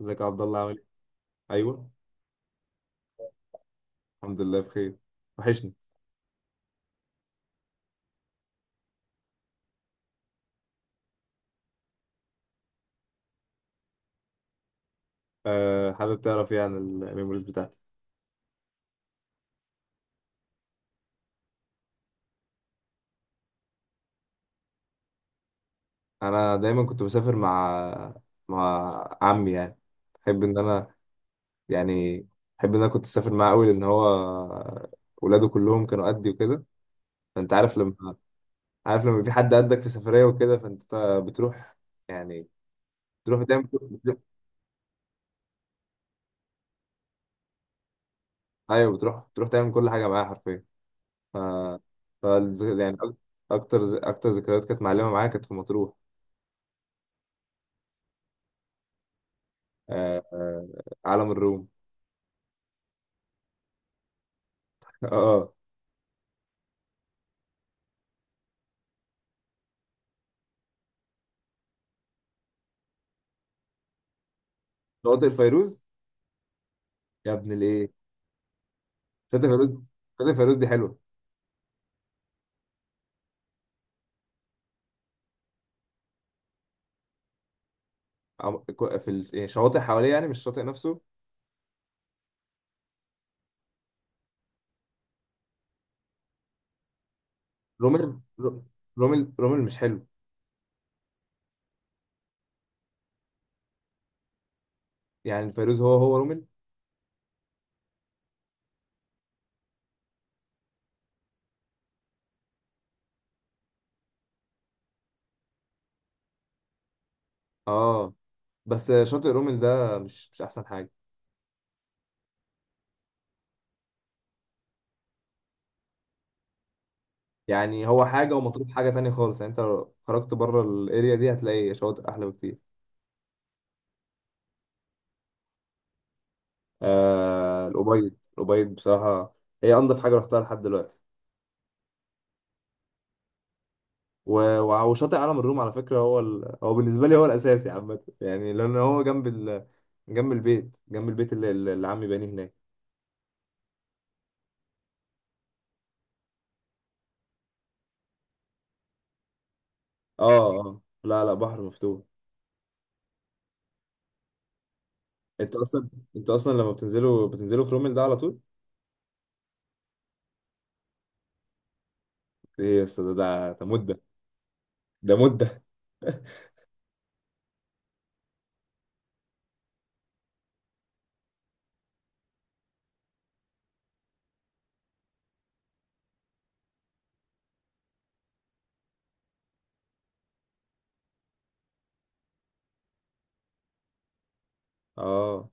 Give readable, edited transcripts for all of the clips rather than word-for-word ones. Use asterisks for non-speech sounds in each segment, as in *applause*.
ازيك يا عبد الله عامل ايه؟ ايوه، الحمد لله بخير. وحشني. أه، حابب تعرف ايه عن الميموريز بتاعتي. انا دايما كنت بسافر مع مع عمي، يعني. بحب ان انا يعني بحب ان انا كنت اسافر معاه قوي لان هو ولاده كلهم كانوا قدي وكده. فانت عارف لما عارف لما في حد قدك في سفريه وكده، فانت بتروح، يعني بتروح تعمل بتروح... ايوه، بتروح تعمل كل حاجه معاه حرفيا. ف... ف يعني اكتر ذكريات كانت معلمه معايا كانت في مطروح. آه، علم الروم. *laughs* اه. شواطئ الفيروز، يا ابن الايه. شاطئ الفيروز. شاطئ الفيروز دي حلوه. يعني شواطئ حواليه، يعني مش الشاطئ نفسه. رومل رو- رومل مش حلو. يعني الفيروز هو هو رومل. اه. بس شاطئ رومل ده مش احسن حاجه. يعني هو حاجه ومطروح حاجه تانية خالص، يعني انت لو خرجت بره الاريا دي هتلاقي شواطئ احلى بكتير. آه، الأبيض بصراحه، هي انضف حاجه رحتها لحد دلوقتي. وشاطئ عالم الروم على فكرة هو بالنسبة لي هو الأساسي عامة، يعني لأن هو جنب جنب البيت، اللي، اللي عمي بانيه هناك. اه اه، لا لا، بحر مفتوح. انت اصلا انت اصلا لما بتنزلوا في رومل ده على طول. ايه يا اسطى، ده مدة. ده مدة. *laughs* اه.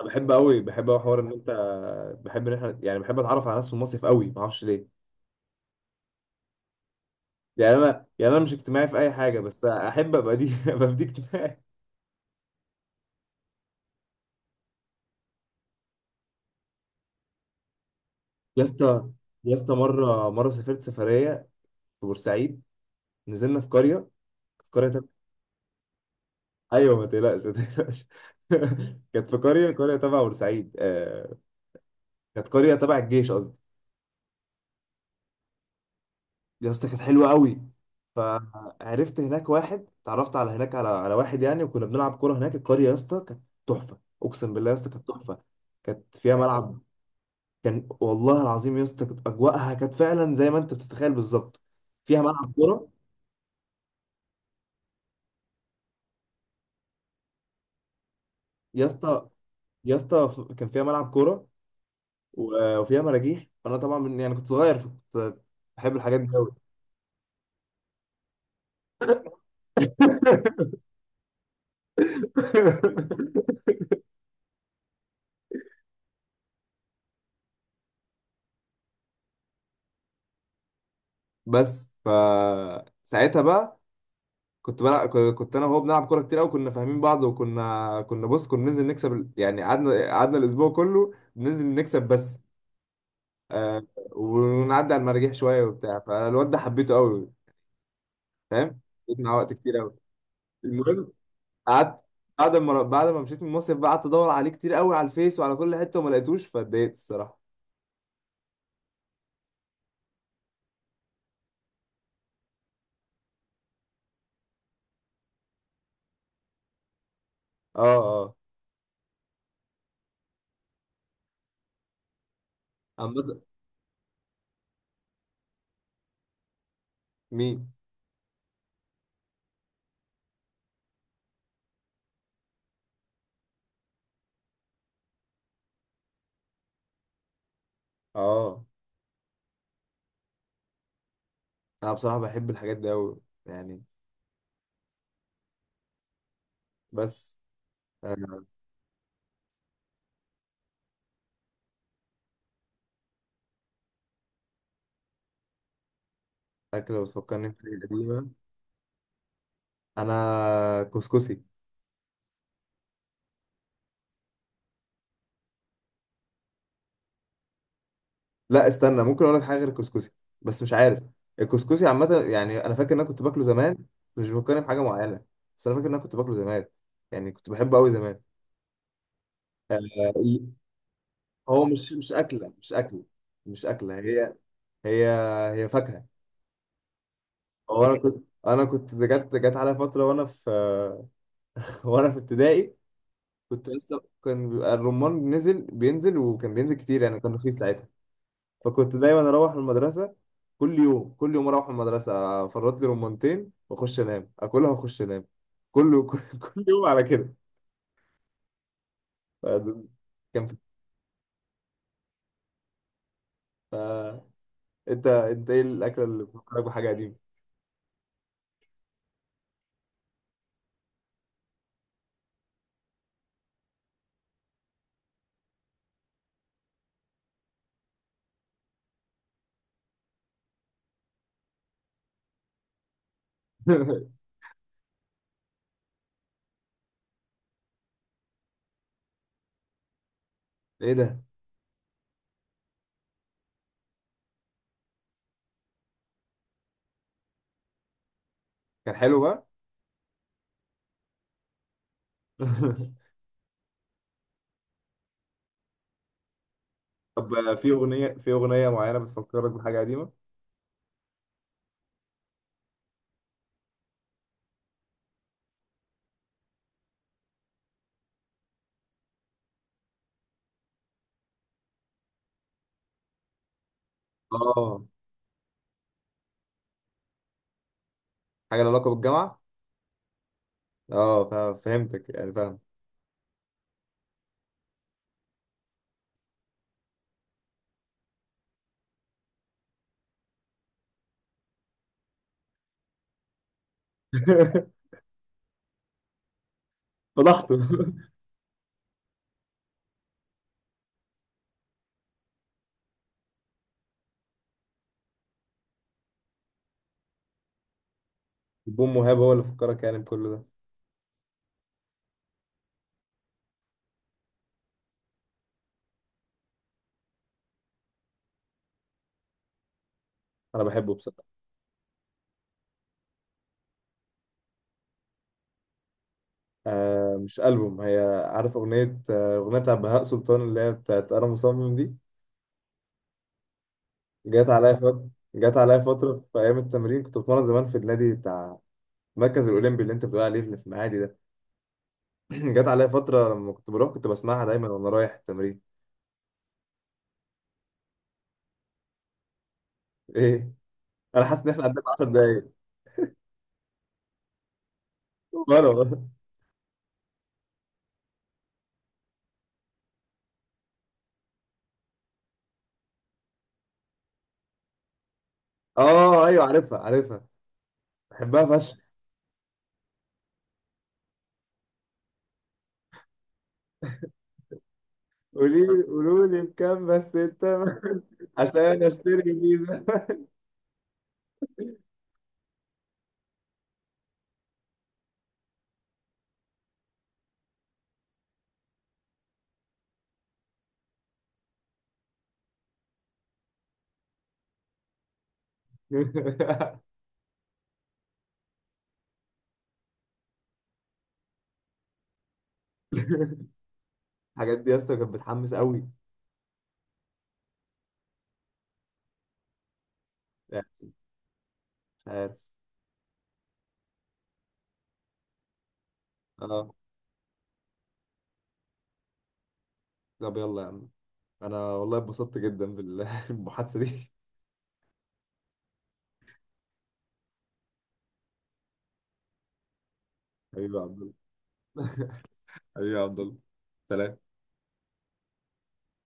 انا بحب قوي، حوار ان انت، بحب ان احنا، يعني بحب اتعرف على ناس في المصيف قوي، ما اعرفش ليه. يعني انا، يعني انا مش اجتماعي في اي حاجة، بس احب ابقى دي *laughs* ابقى في دي اجتماعي. يا اسطى، يا اسطى، مره سافرت سفريه في بورسعيد، نزلنا في قريه، كانت قريه تبع. *laughs* ايوه، ما تقلقش، ما تقلقش. *laughs* كانت في قريه، قريه تبع بورسعيد، كانت قريه تبع الجيش قصدي. يا اسطى كانت حلوه قوي. فعرفت هناك واحد، اتعرفت على هناك على واحد يعني، وكنا بنلعب كوره هناك. القريه يا اسطى كانت تحفه، اقسم بالله يا اسطى كانت تحفه، كانت فيها ملعب. كان والله العظيم يا اسطى، كانت اجواءها كانت فعلا زي ما انت بتتخيل بالظبط. فيها ملعب كوره. يا اسطى، يا اسطى، كان فيها ملعب كوره وفيها مراجيح. فانا طبعا يعني كنت صغير، فكنت بحب الحاجات دي قوي. *laughs* بس ف ساعتها بقى كنت بلعب، كنت انا وهو بنلعب كوره كتير قوي، كنا فاهمين بعض. وكنا بص، كنا ننزل نكسب يعني، قعدنا الاسبوع كله بننزل نكسب بس. آه، ونعدي على المراجيح شويه وبتاع. فالواد ده حبيته قوي، فاهم. قضيت معاه وقت كتير قوي. المهم، قعدت بعد ما، مشيت من المصيف بقى، قعدت ادور عليه كتير قوي على الفيس وعلى كل حته، وما لقيتوش فاتضايقت الصراحه. اه اه. عامة. مين؟ اه. انا بصراحه بحب الحاجات دي قوي يعني. بس آه، أنا اكل لو بتفكرني بحاجه قديمه، انا كسكسي. لا استنى، ممكن اقول لك حاجه غير الكسكسي، بس مش عارف. الكسكسي عامه يعني، انا فاكر ان انا كنت باكله زمان، مش بفكرني بحاجه معينه، بس انا فاكر ان انا كنت باكله زمان، يعني كنت بحبه قوي زمان. آه، هو مش اكله، مش اكله. هي، هي هي فاكهة. وانا كنت انا كنت جت على فترة وانا في، *laughs* وانا في ابتدائي، كنت لسه. كان بيبقى الرمان نزل بينزل، وكان بينزل كتير يعني، كان رخيص ساعتها. فكنت دايما اروح المدرسة، كل يوم، كل يوم اروح المدرسة، افرط لي رمانتين واخش انام، اكلها واخش انام. كل *laughs* كل يوم على كده. ف- كان في... ف... انت، انت ايه الاكلة اللي بتفكرك بحاجة قديمة؟ *laughs* ايه ده. كان حلو بقى. *laughs* طب في اغنيه، في اغنيه معينه بتفكرك بحاجه قديمه؟ اه، حاجه لها علاقه بالجامعه. اه فهمتك يعني، فاهم. *laughs* فضحته. البوم مهاب هو اللي فكرك يعني بكل ده؟ انا بحبه بصراحه. آه مش البوم هي. عارف اغنيه، آه، اغنيه بتاع بهاء سلطان اللي هي بتاعت انا مصمم دي. جت عليا فتره، جت عليا فتره في ايام التمرين، كنت بتمرن زمان في النادي بتاع المركز الاولمبي اللي انت بتقول عليه اللي في المعادي ده. *clears throat* جت عليا فتره لما كنت بروح كنت بسمعها دايما وانا رايح التمرين. ايه، انا حاسس ان احنا قعدنا 10 دقايق. مروة. اه ايوه، عارفها، عارفها. بحبها فشخ. قولي لي، قولوا لي بكام بس انت. *laughs* عشان اشتري فيزا. *laughs* الحاجات دي يا اسطى كانت بتحمس قوي. يعني مش عارف. اه، طب يلا يا عم. انا والله اتبسطت جدا بالمحادثة *laughs* دي. حبيبي يا عبد الله. *laughs* حبيبي يا عبد الله. سلام.